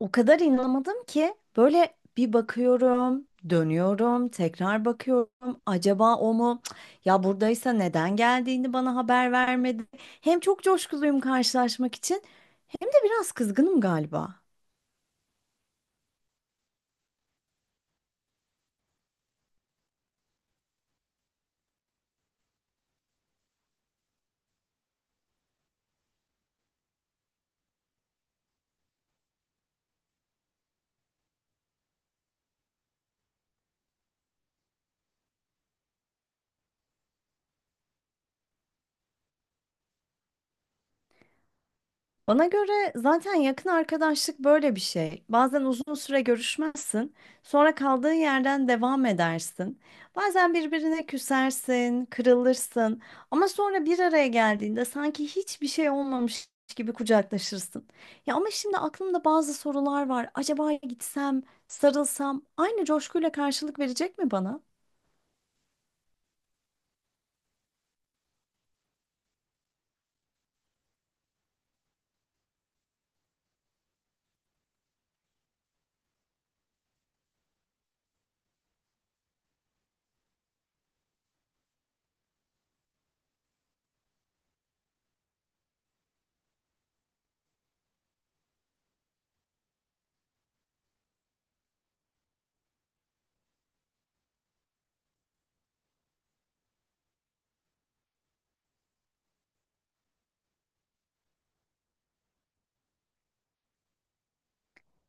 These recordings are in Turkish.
O kadar inanamadım ki böyle bir bakıyorum, dönüyorum, tekrar bakıyorum. Acaba o mu? Cık, ya buradaysa neden geldiğini bana haber vermedi. Hem çok coşkuluyum karşılaşmak için, hem de biraz kızgınım galiba. Bana göre zaten yakın arkadaşlık böyle bir şey. Bazen uzun süre görüşmezsin, sonra kaldığın yerden devam edersin. Bazen birbirine küsersin, kırılırsın ama sonra bir araya geldiğinde sanki hiçbir şey olmamış gibi kucaklaşırsın. Ya ama şimdi aklımda bazı sorular var. Acaba gitsem, sarılsam aynı coşkuyla karşılık verecek mi bana?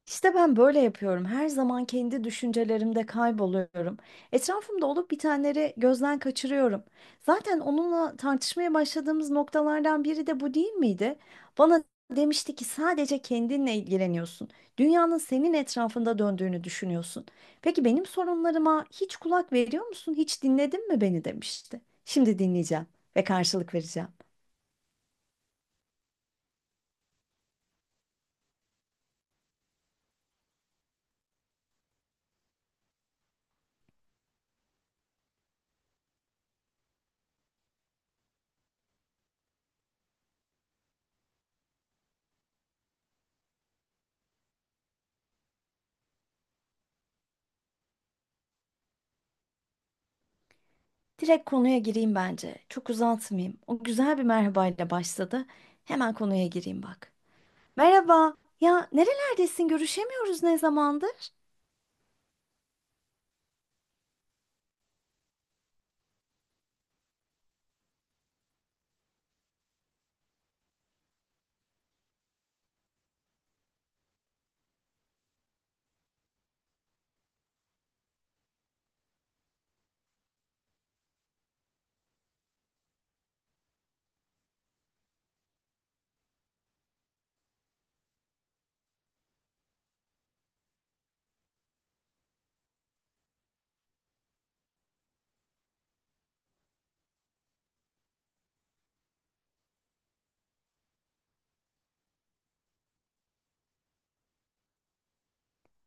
İşte ben böyle yapıyorum. Her zaman kendi düşüncelerimde kayboluyorum. Etrafımda olup bitenleri gözden kaçırıyorum. Zaten onunla tartışmaya başladığımız noktalardan biri de bu değil miydi? Bana demişti ki sadece kendinle ilgileniyorsun. Dünyanın senin etrafında döndüğünü düşünüyorsun. Peki benim sorunlarıma hiç kulak veriyor musun? Hiç dinledin mi beni demişti. Şimdi dinleyeceğim ve karşılık vereceğim. Direkt konuya gireyim bence. Çok uzatmayayım. O güzel bir merhabayla başladı. Hemen konuya gireyim bak. Merhaba. Ya nerelerdesin? Görüşemiyoruz ne zamandır?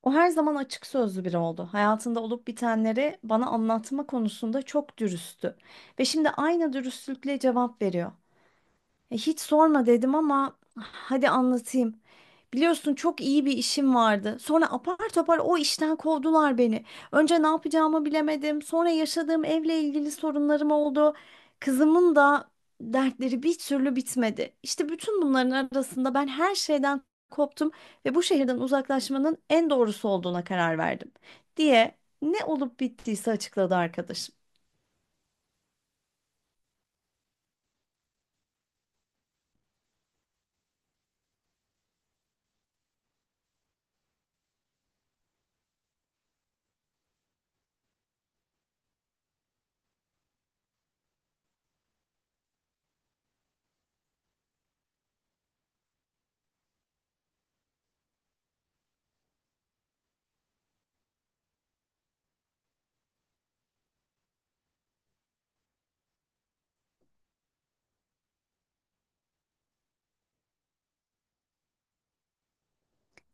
O her zaman açık sözlü biri oldu. Hayatında olup bitenleri bana anlatma konusunda çok dürüsttü. Ve şimdi aynı dürüstlükle cevap veriyor. Hiç sorma dedim ama hadi anlatayım. Biliyorsun çok iyi bir işim vardı. Sonra apar topar o işten kovdular beni. Önce ne yapacağımı bilemedim. Sonra yaşadığım evle ilgili sorunlarım oldu. Kızımın da dertleri bir türlü bitmedi. İşte bütün bunların arasında ben her şeyden koptum ve bu şehirden uzaklaşmanın en doğrusu olduğuna karar verdim diye ne olup bittiyse açıkladı arkadaşım.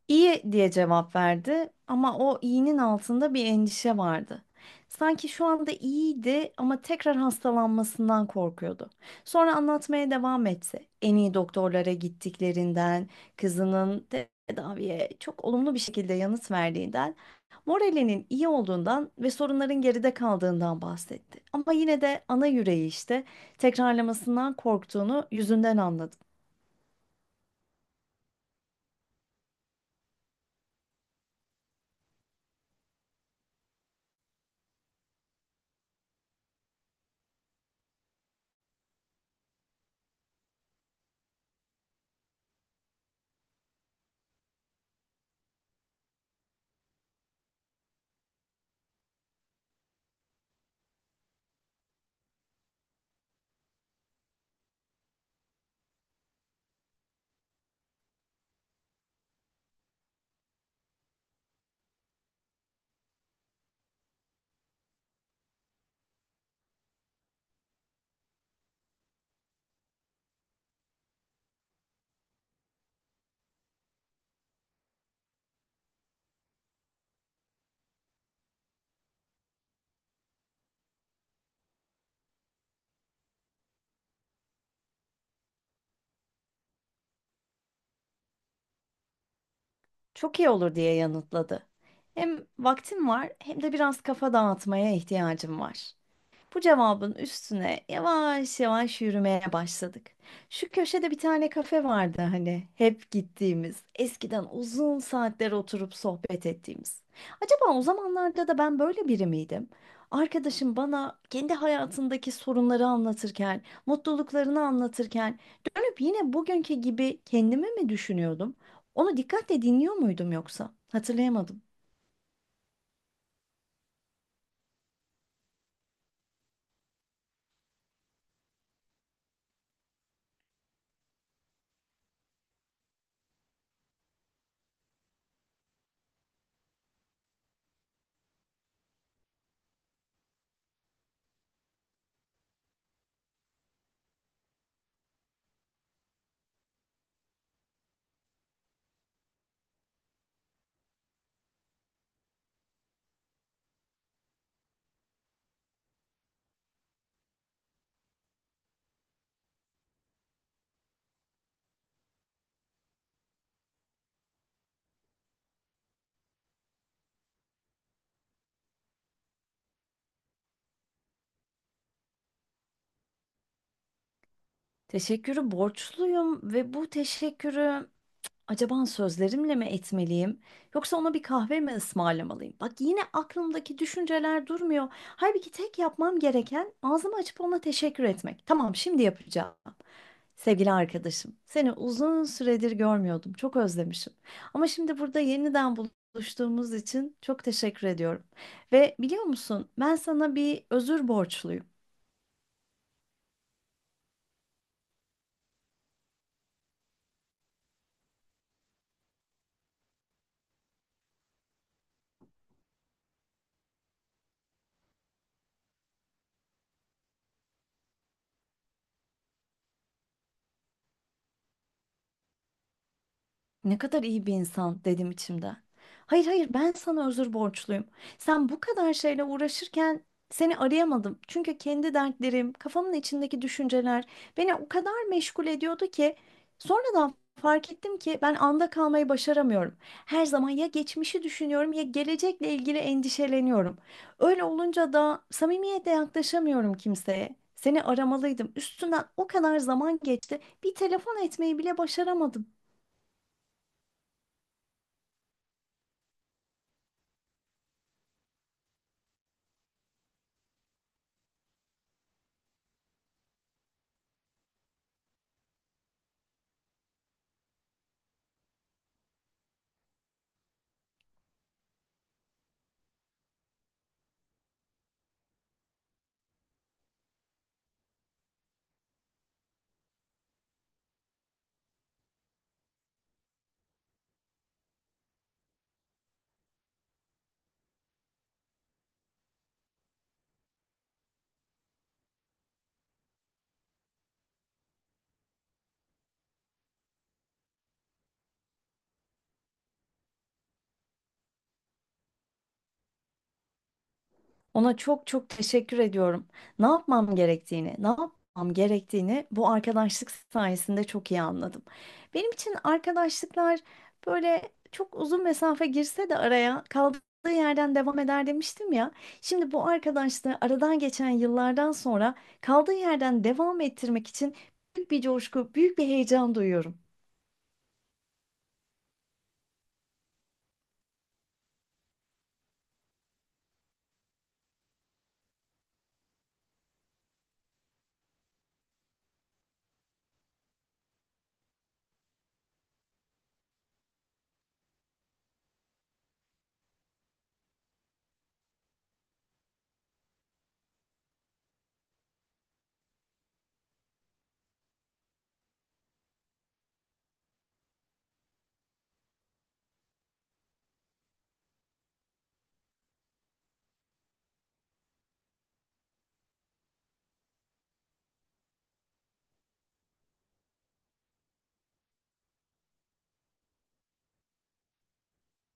İyi diye cevap verdi ama o iyinin altında bir endişe vardı. Sanki şu anda iyiydi ama tekrar hastalanmasından korkuyordu. Sonra anlatmaya devam etse, en iyi doktorlara gittiklerinden, kızının tedaviye çok olumlu bir şekilde yanıt verdiğinden, moralinin iyi olduğundan ve sorunların geride kaldığından bahsetti. Ama yine de ana yüreği işte tekrarlamasından korktuğunu yüzünden anladım. Çok iyi olur diye yanıtladı. Hem vaktim var hem de biraz kafa dağıtmaya ihtiyacım var. Bu cevabın üstüne yavaş yavaş yürümeye başladık. Şu köşede bir tane kafe vardı hani hep gittiğimiz, eskiden uzun saatler oturup sohbet ettiğimiz. Acaba o zamanlarda da ben böyle biri miydim? Arkadaşım bana kendi hayatındaki sorunları anlatırken, mutluluklarını anlatırken dönüp yine bugünkü gibi kendimi mi düşünüyordum? Onu dikkatle dinliyor muydum yoksa? Hatırlayamadım. Teşekkürü borçluyum ve bu teşekkürü acaba sözlerimle mi etmeliyim yoksa ona bir kahve mi ısmarlamalıyım? Bak yine aklımdaki düşünceler durmuyor. Halbuki tek yapmam gereken ağzımı açıp ona teşekkür etmek. Tamam, şimdi yapacağım. Sevgili arkadaşım, seni uzun süredir görmüyordum. Çok özlemişim. Ama şimdi burada yeniden buluştuğumuz için çok teşekkür ediyorum. Ve biliyor musun, ben sana bir özür borçluyum. Ne kadar iyi bir insan dedim içimden. Hayır hayır ben sana özür borçluyum. Sen bu kadar şeyle uğraşırken seni arayamadım. Çünkü kendi dertlerim, kafamın içindeki düşünceler beni o kadar meşgul ediyordu ki sonradan fark ettim ki ben anda kalmayı başaramıyorum. Her zaman ya geçmişi düşünüyorum ya gelecekle ilgili endişeleniyorum. Öyle olunca da samimiyetle yaklaşamıyorum kimseye. Seni aramalıydım. Üstünden o kadar zaman geçti. Bir telefon etmeyi bile başaramadım. Ona çok çok teşekkür ediyorum. Ne yapmam gerektiğini bu arkadaşlık sayesinde çok iyi anladım. Benim için arkadaşlıklar böyle çok uzun mesafe girse de araya kaldığı yerden devam eder demiştim ya. Şimdi bu arkadaşlığı aradan geçen yıllardan sonra kaldığı yerden devam ettirmek için büyük bir coşku, büyük bir heyecan duyuyorum.